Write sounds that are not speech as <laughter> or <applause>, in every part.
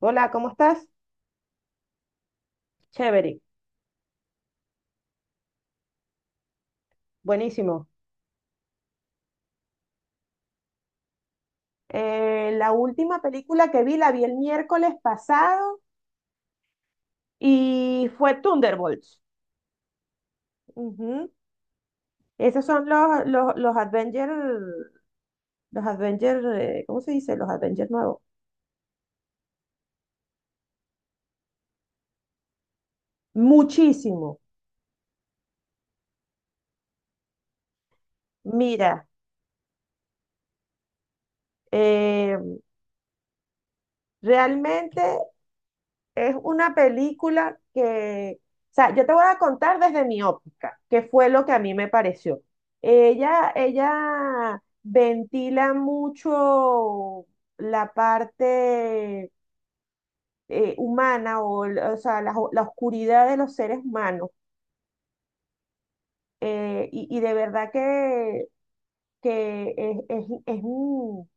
Hola, ¿cómo estás? Chévere, buenísimo. La última película que vi la vi el miércoles pasado y fue Thunderbolts. Ujú. Esos son los Avengers, los Avengers, ¿cómo se dice? Los Avengers nuevos. Muchísimo. Mira, eh, realmente es una película que, o sea, yo te voy a contar desde mi óptica, que fue lo que a mí me pareció. Ella ventila mucho la parte humana o, o sea, la oscuridad de los seres humanos. Y de verdad que, que es, es, es un-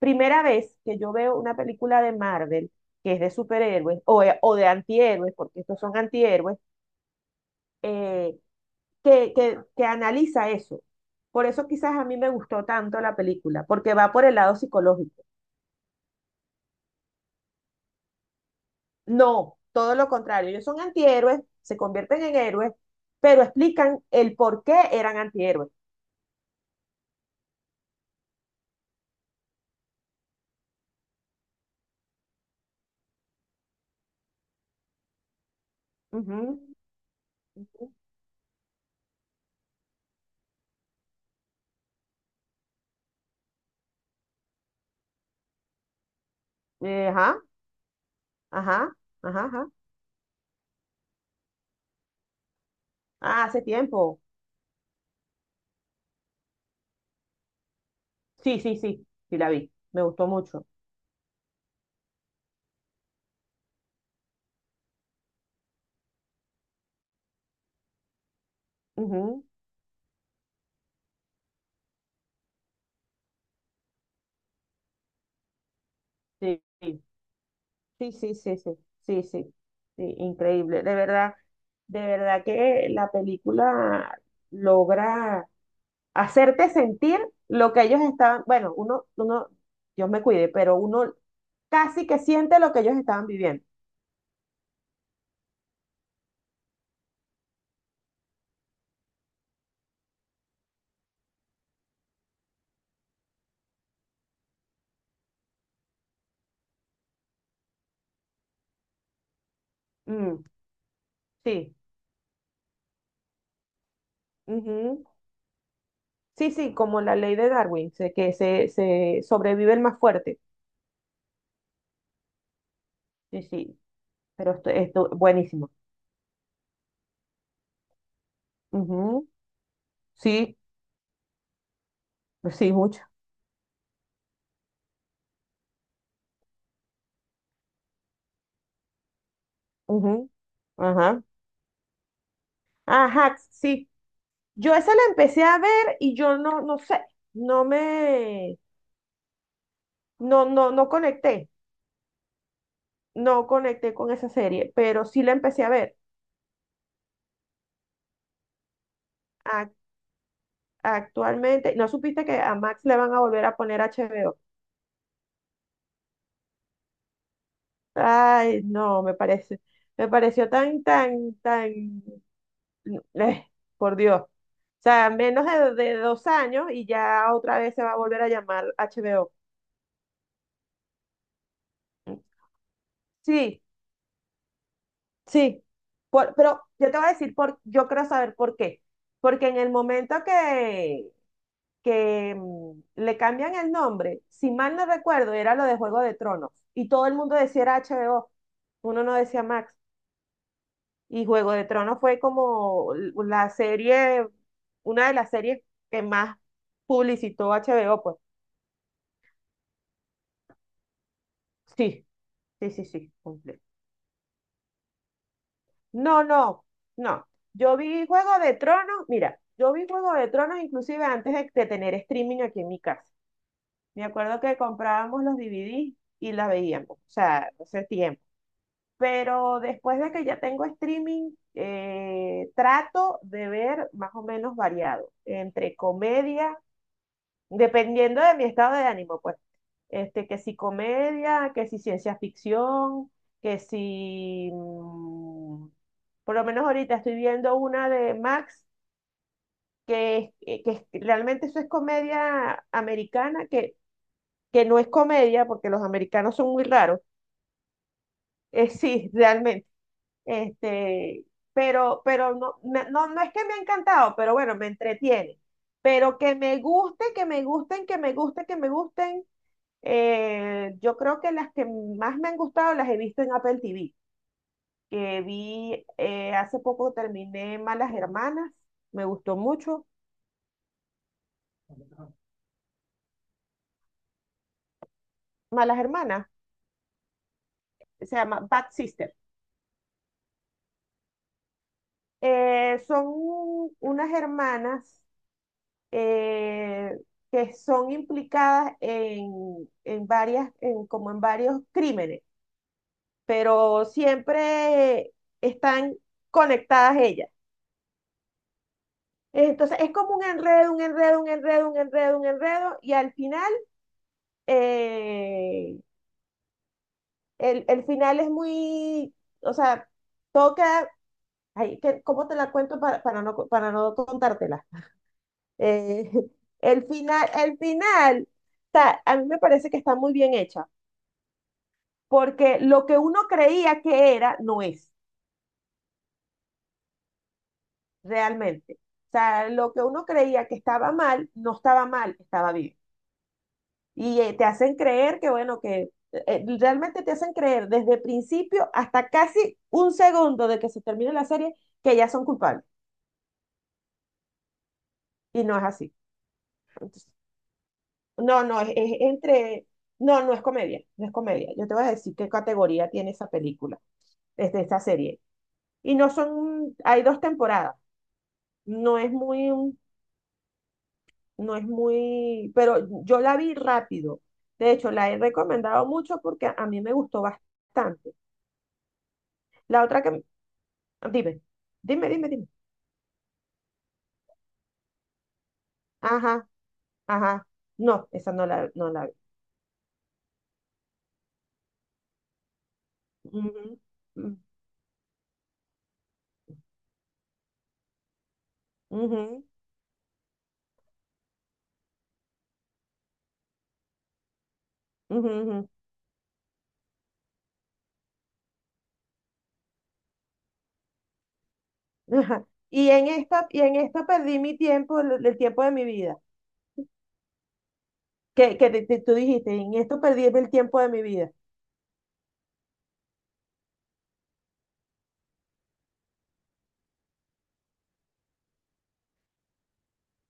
primera vez que yo veo una película de Marvel que es de superhéroes o de antihéroes, porque estos son antihéroes, eh, que analiza eso. Por eso quizás a mí me gustó tanto la película, porque va por el lado psicológico. No, todo lo contrario, ellos son antihéroes, se convierten en héroes, pero explican el por qué eran antihéroes. Ujú, ujú. Ajá, ajá, ajá, ajá. Ah, hace tiempo. Sí, sí, sí, sí la vi, me gustó mucho. Ujú, sí, sí. Sí, sí, sí, sí, sí, sí, sí, increíble. De verdad que la película logra hacerte sentir lo que ellos estaban, bueno, uno, Dios me cuide, pero uno casi que siente lo que ellos estaban viviendo. Mm, sí, ujú. Sí, sí, como la ley de Darwin, se sobrevive el más fuerte. Sí, sí, pero esto buenísimo. Ujú, sí, sí, mucho. Ujú, ajá. Ajá, sí. Yo esa la empecé a ver y yo no, no sé, no me, no conecté, no conecté con esa serie, pero sí la empecé a ver. Ac- Actualmente, ¿no supiste que a Max le van a volver a poner HBO? Ay, no, me parece, me pareció eh, por Dios. O sea, menos de 2 años y ya otra vez se va a volver a llamar HBO. Sí, sí, pero yo te voy a decir por, yo quiero saber por qué. Porque en el momento que le cambian el nombre, si mal no recuerdo, era lo de Juego de Tronos. Y todo el mundo decía era HBO, uno no decía Max. Y Juego de Tronos fue como la serie, una de las series que más publicitó HBO, pues. Sí, sí, sí, sí, completo. No, no, no. Yo vi Juego de Tronos, mira, yo vi Juego de Tronos inclusive antes de tener streaming aquí en mi casa. Me acuerdo que comprábamos los DVDs y las veíamos, o sea, hace tiempo. Pero después de que ya tengo streaming, trato de ver más o menos variado, entre comedia dependiendo de mi estado de ánimo, pues. Este, que si comedia, que si ciencia ficción, que si... mm, por lo menos ahorita estoy viendo una de Max, que, realmente eso es comedia americana, que no es comedia, porque los americanos son muy raros. <laughs> Sí, realmente. Este, pero no, no es que me ha encantado, pero bueno, me entretiene. Pero que me guste, que me gusten, que me guste, que me gusten, yo creo que las que más me han gustado las he visto en Apple TV, que vi hace poco terminé Malas Hermanas, me gustó mucho. Malas Hermanas, se llama Bad Sister. Son unas hermanas, eh, que son implicadas como en varios crímenes, pero siempre están conectadas ellas. Entonces es como un enredo, un enredo, un enredo, un enredo, un enredo, y al final, eh, el final es muy, o sea, toca, ay, ¿cómo te la cuento para no, para no contártela? Eh, <laughs> el final, a mí me parece que está muy bien hecha, porque lo que uno creía que era, no es realmente. O sea, lo que uno creía que estaba mal, no estaba mal, estaba bien. Te hacen creer que, bueno, que realmente te hacen creer desde principio hasta casi un segundo de que se termine la serie que ya son culpables. Y no es así. Entonces, no, no, es entre... No, no es comedia, no es comedia. Yo te voy a decir qué categoría tiene esa película, desde esa serie. Y no son, hay dos temporadas. No es muy, un- no es muy, pero yo la vi rápido. De hecho, la he recomendado mucho porque a mí me gustó bastante. La otra que... Dime, dime, dime, dime. Ajá, ajá. No, esa no la, no la vi. Ujú, mm, ujú, ujú, ujú. Ajá. Y en esta, y en esto perdí mi tiempo, el tiempo de mi vida. Que tú dijiste, en esto perdí el tiempo de mi vida.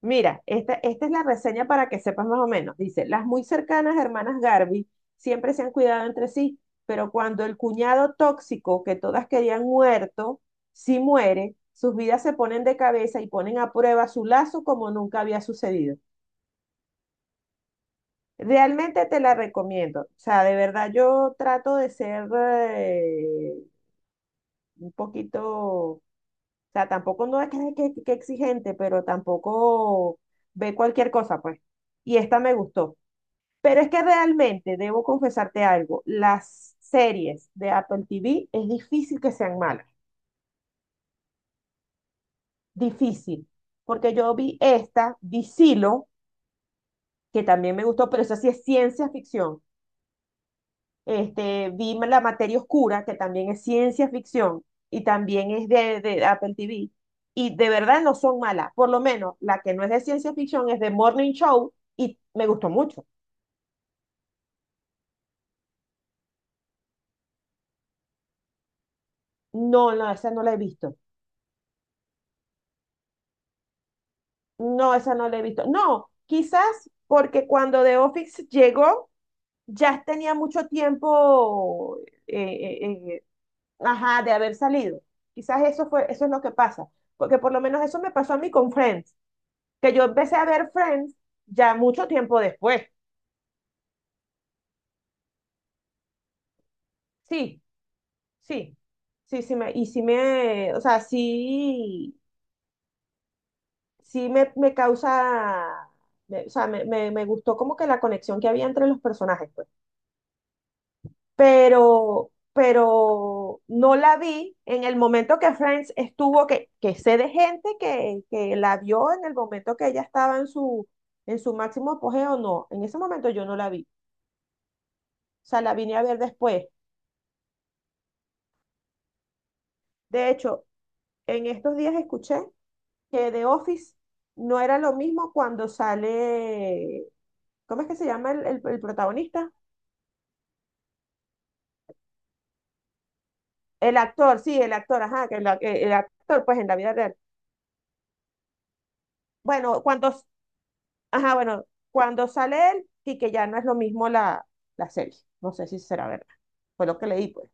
Mira, esta es la reseña para que sepas más o menos. Dice, las muy cercanas hermanas Garvey siempre se han cuidado entre sí, pero cuando el cuñado tóxico que todas querían muerto, sí muere, sus vidas se ponen de cabeza y ponen a prueba su lazo como nunca había sucedido. Realmente te la recomiendo. O sea, de verdad yo trato de ser un poquito, o sea, tampoco no es que, que exigente, pero tampoco ve cualquier cosa, pues. Y esta me gustó. Pero es que realmente, debo confesarte algo, las series de Apple TV es difícil que sean malas, difícil, porque yo vi esta, vi Silo, que también me gustó, pero esa sí es ciencia ficción. Este, vi La Materia Oscura, que también es ciencia ficción y también es de Apple TV, y de verdad no son malas, por lo menos la que no es de ciencia ficción es de Morning Show y me gustó mucho. No, no, esa no la he visto. No, esa no la he visto. No, quizás porque cuando The Office llegó, ya tenía mucho tiempo, eh, eh, eh, ajá, de haber salido. Quizás eso fue, eso es lo que pasa. Porque por lo menos eso me pasó a mí con Friends, que yo empecé a ver Friends ya mucho tiempo después. Sí, sí, sí, sí me, y sí me, o sea, sí, me causa, o sea, me gustó como que la conexión que había entre los personajes, pues. Pero no la vi en el momento que Friends estuvo, que sé de gente que la vio en el momento que ella estaba en su máximo apogeo, no, en ese momento yo no la vi, o sea, la vine a ver después. De hecho, en estos días escuché que The Office no era lo mismo cuando sale, ¿cómo es que se llama el protagonista? El actor, sí, el actor, ajá, que el actor, pues en la vida real. Bueno, cuando... Ajá, bueno, cuando sale él y que ya no es lo mismo la serie. No sé si será verdad. Fue lo que leí, pues.